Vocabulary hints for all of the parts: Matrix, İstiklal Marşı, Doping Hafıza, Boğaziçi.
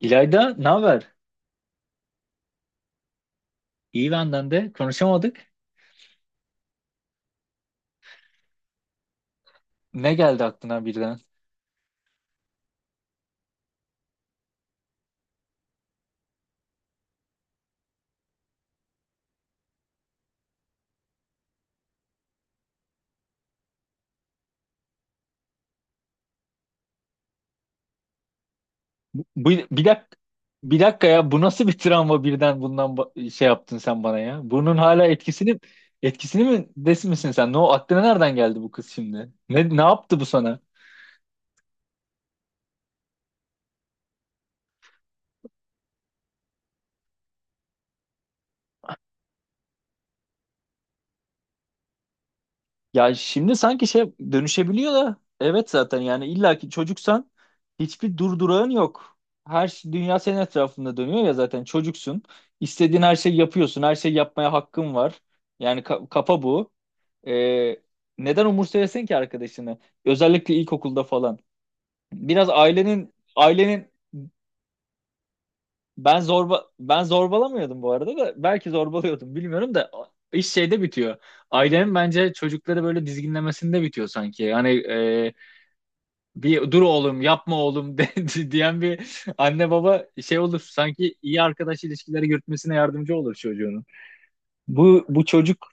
İlayda ne haber? İyi benden de. Konuşamadık. Ne geldi aklına birden? Bu, bir dakika ya, bu nasıl bir travma birden şey yaptın sen bana ya? Bunun hala etkisini mi desin misin sen? Ne o aklına nereden geldi bu kız şimdi? Ne yaptı bu sana? Ya şimdi sanki şey dönüşebiliyor da evet, zaten yani illaki çocuksan hiçbir durdurağın yok. Dünya senin etrafında dönüyor ya, zaten çocuksun. İstediğin her şeyi yapıyorsun. Her şeyi yapmaya hakkın var. Yani kafa bu. Ee, Neden umursayasın ki arkadaşını? Özellikle ilkokulda falan. Biraz ailenin ben zorbalamıyordum bu arada, da belki zorbalıyordum bilmiyorum da iş şeyde bitiyor. Ailenin bence çocukları böyle dizginlemesinde bitiyor sanki. Yani bir dur oğlum, yapma oğlum de, diyen bir anne baba şey olur. Sanki iyi arkadaş ilişkileri yürütmesine yardımcı olur çocuğunun. Bu çocuk…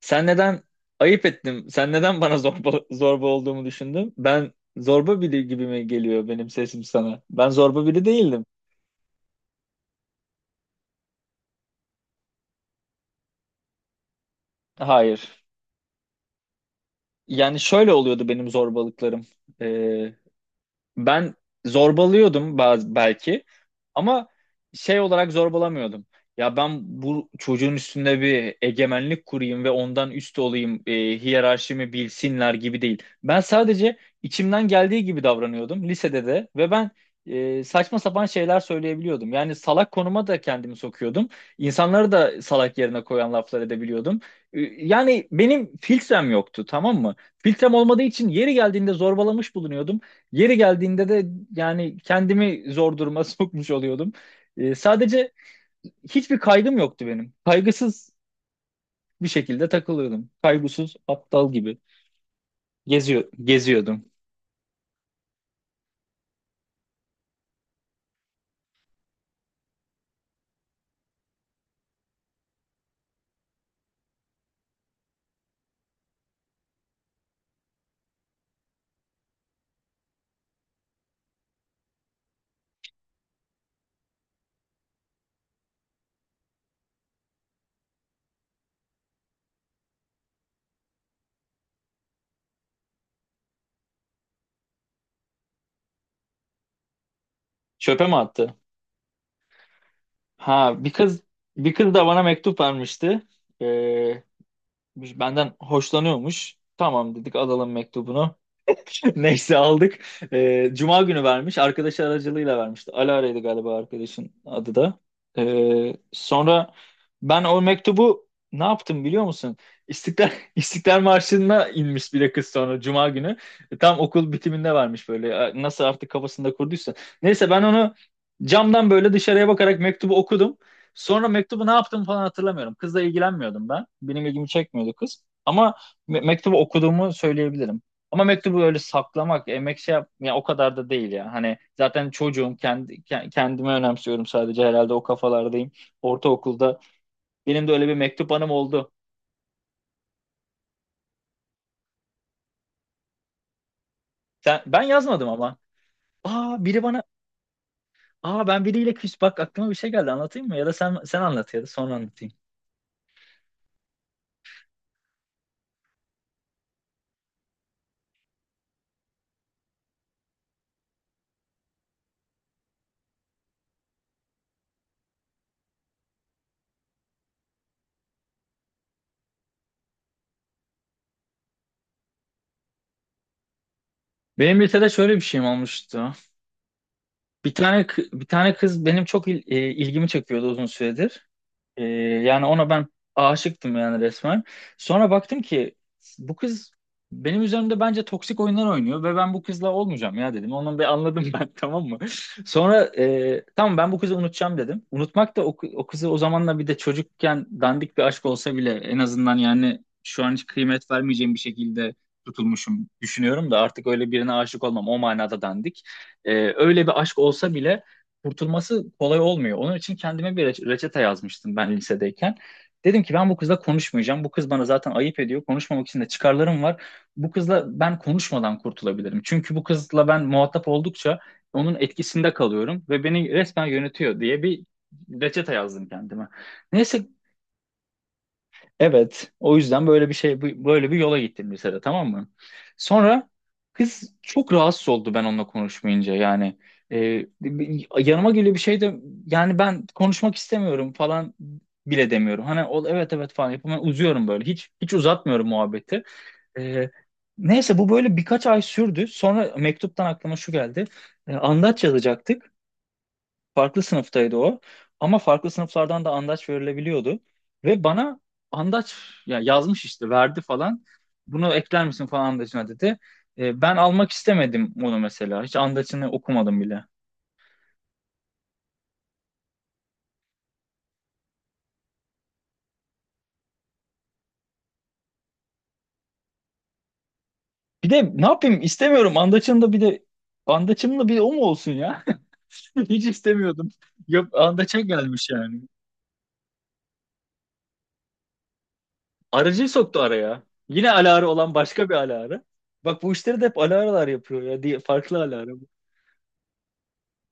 Sen neden ayıp ettim? Sen neden bana zorba olduğumu düşündün? Ben zorba biri gibi mi geliyor benim sesim sana? Ben zorba biri değildim. Hayır. Yani şöyle oluyordu benim zorbalıklarım. Ee, Ben zorbalıyordum belki, ama şey olarak zorbalamıyordum. Ya ben bu çocuğun üstünde bir egemenlik kurayım ve ondan üst olayım, hiyerarşimi bilsinler gibi değil. Ben sadece içimden geldiği gibi davranıyordum lisede de, ve ben saçma sapan şeyler söyleyebiliyordum. Yani salak konuma da kendimi sokuyordum. İnsanları da salak yerine koyan laflar edebiliyordum. Yani benim filtrem yoktu, tamam mı? Filtrem olmadığı için yeri geldiğinde zorbalamış bulunuyordum. Yeri geldiğinde de yani kendimi zor duruma sokmuş oluyordum. Sadece hiçbir kaygım yoktu benim. Kaygısız bir şekilde takılıyordum. Kaygısız aptal gibi geziyordum. Çöpe mi attı? Ha, bir kız da bana mektup vermişti. Ee, Benden hoşlanıyormuş. Tamam dedik, alalım mektubunu. Neyse aldık. Cuma günü vermiş, arkadaşı aracılığıyla vermişti. Alara'ydı galiba arkadaşın adı da. Sonra ben o mektubu ne yaptım biliyor musun? İstiklal, İstiklal Marşı'na inmiş bir de kız, sonra Cuma günü. Tam okul bitiminde vermiş böyle. Nasıl artık kafasında kurduysa. Neyse, ben onu camdan böyle dışarıya bakarak mektubu okudum. Sonra mektubu ne yaptım falan hatırlamıyorum. Kızla ilgilenmiyordum ben. Benim ilgimi çekmiyordu kız. Ama mektubu okuduğumu söyleyebilirim. Ama mektubu öyle saklamak, emek şey yap, ya o kadar da değil ya. Hani zaten çocuğum, kendimi önemsiyorum sadece, herhalde o kafalardayım. Ortaokulda benim de öyle bir mektup anım oldu. Ben yazmadım ama. Aa biri bana, Ben biriyle küs, bak aklıma bir şey geldi, anlatayım mı? Ya da sen anlat, ya da sonra anlatayım. Benim lisede şöyle bir şeyim olmuştu. Bir tane kız benim çok ilgimi çekiyordu uzun süredir. Ee, Yani ona ben aşıktım, yani resmen. Sonra baktım ki bu kız benim üzerimde bence toksik oyunlar oynuyor ve ben bu kızla olmayacağım ya, dedim. Onu bir anladım ben, tamam mı? Sonra tamam, ben bu kızı unutacağım dedim. Unutmak da o kızı o zamanla, bir de çocukken dandik bir aşk olsa bile, en azından yani şu an hiç kıymet vermeyeceğim bir şekilde tutulmuşum düşünüyorum da artık öyle birine aşık olmam, o manada dandik. Öyle bir aşk olsa bile kurtulması kolay olmuyor. Onun için kendime bir reçete yazmıştım ben lisedeyken. Dedim ki ben bu kızla konuşmayacağım. Bu kız bana zaten ayıp ediyor. Konuşmamak için de çıkarlarım var. Bu kızla ben konuşmadan kurtulabilirim. Çünkü bu kızla ben muhatap oldukça onun etkisinde kalıyorum ve beni resmen yönetiyor, diye bir reçete yazdım kendime. Neyse. Evet, o yüzden böyle bir şey böyle bir yola gittim lisede, tamam mı? Sonra kız çok rahatsız oldu ben onunla konuşmayınca. Yani yanıma geliyor bir şey de, yani ben konuşmak istemiyorum falan bile demiyorum. Hani o, evet evet falan yapıyorum. Ben uzuyorum böyle, hiç uzatmıyorum muhabbeti. E, Neyse, bu böyle birkaç ay sürdü. Sonra mektuptan aklıma şu geldi. Andaç yazacaktık. Farklı sınıftaydı o. Ama farklı sınıflardan da andaç verilebiliyordu. Ve bana andaç, ya, yazmış işte verdi falan. Bunu ekler misin falan andaçına, dedi. Ben almak istemedim onu mesela. Hiç andaçını okumadım bile. Bir de ne yapayım, istemiyorum andaçın da, bir de andaçım da bir de o mu olsun ya? Hiç istemiyordum. Yok, andaça gelmiş yani. Aracıyı soktu araya. Yine aları olan başka bir aları. Bak, bu işleri de hep alaralar yapıyor ya, diye farklı aları.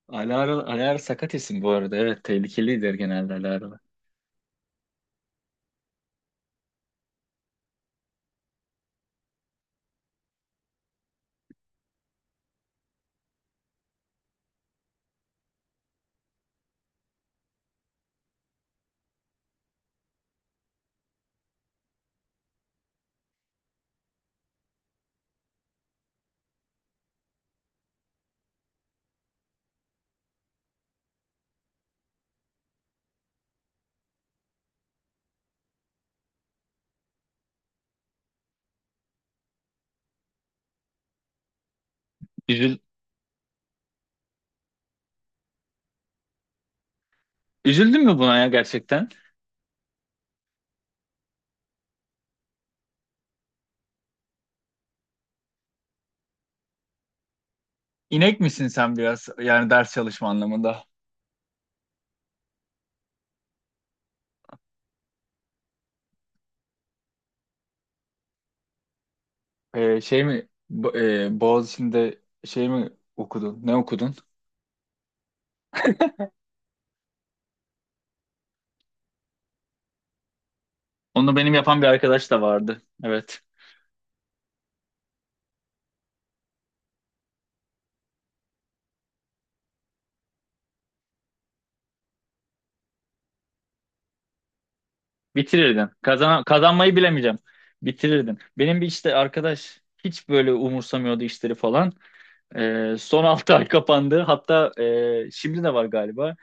Alara, Alara sakat isim bu arada. Evet, tehlikelidir genelde Alara. Üzül, Üzüldün mü buna ya gerçekten? İnek misin sen biraz? Yani ders çalışma anlamında. Şey mi? Boğaziçi'nde şey mi okudun? Ne okudun? Onu benim yapan bir arkadaş da vardı. Evet. Bitirirdin. Kazanmayı bilemeyeceğim. Bitirirdin. Benim bir işte arkadaş hiç böyle umursamıyordu işleri falan. Son 6 ay kapandı. Hatta şimdi de var galiba.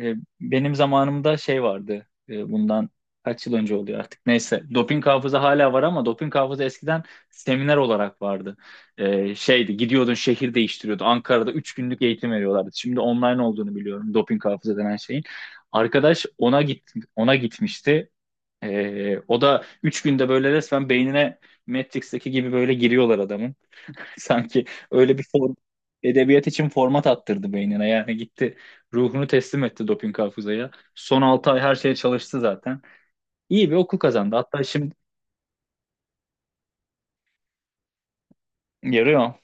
E, Benim zamanımda şey vardı. Bundan kaç yıl önce oluyor artık. Neyse. Doping hafıza hala var ama doping hafıza eskiden seminer olarak vardı. Şeydi, gidiyordun, şehir değiştiriyordu. Ankara'da 3 günlük eğitim veriyorlardı. Şimdi online olduğunu biliyorum doping hafıza denen şeyin. Arkadaş ona gitmişti. O da 3 günde böyle resmen beynine Matrix'teki gibi böyle giriyorlar adamın. Sanki öyle bir edebiyat için format attırdı beynine. Yani gitti, ruhunu teslim etti doping hafızaya. Son 6 ay her şeye çalıştı zaten. İyi bir okul kazandı. Hatta şimdi yarıyor.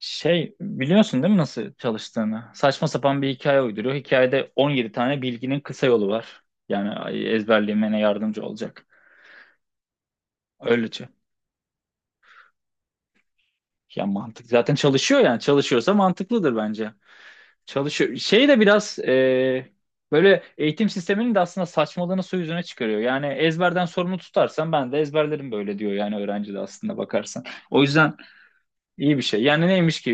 Şey, biliyorsun değil mi nasıl çalıştığını? Saçma sapan bir hikaye uyduruyor. Hikayede 17 tane bilginin kısa yolu var. Yani ezberlemene yardımcı olacak. Öylece. Ya mantık. Zaten çalışıyor yani. Çalışıyorsa mantıklıdır bence. Çalışıyor. Şey de biraz böyle eğitim sisteminin de aslında saçmalığını su yüzüne çıkarıyor. Yani ezberden sorumlu tutarsan ben de ezberlerim böyle diyor yani öğrenci de, aslında bakarsan. O yüzden iyi bir şey. Yani neymiş ki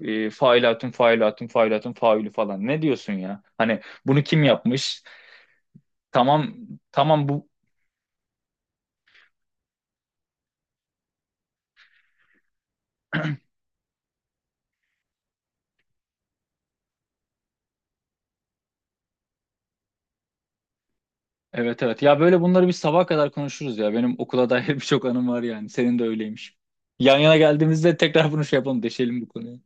failatun failatun failatun faülü falan. Ne diyorsun ya? Hani bunu kim yapmış? Tamam, tamam, bu… Evet, evet. Ya böyle bunları biz sabaha kadar konuşuruz ya. Benim okula dair birçok anım var yani. Senin de öyleymiş. Yan yana geldiğimizde tekrar bunu şey yapalım, deşelim bu konuyu.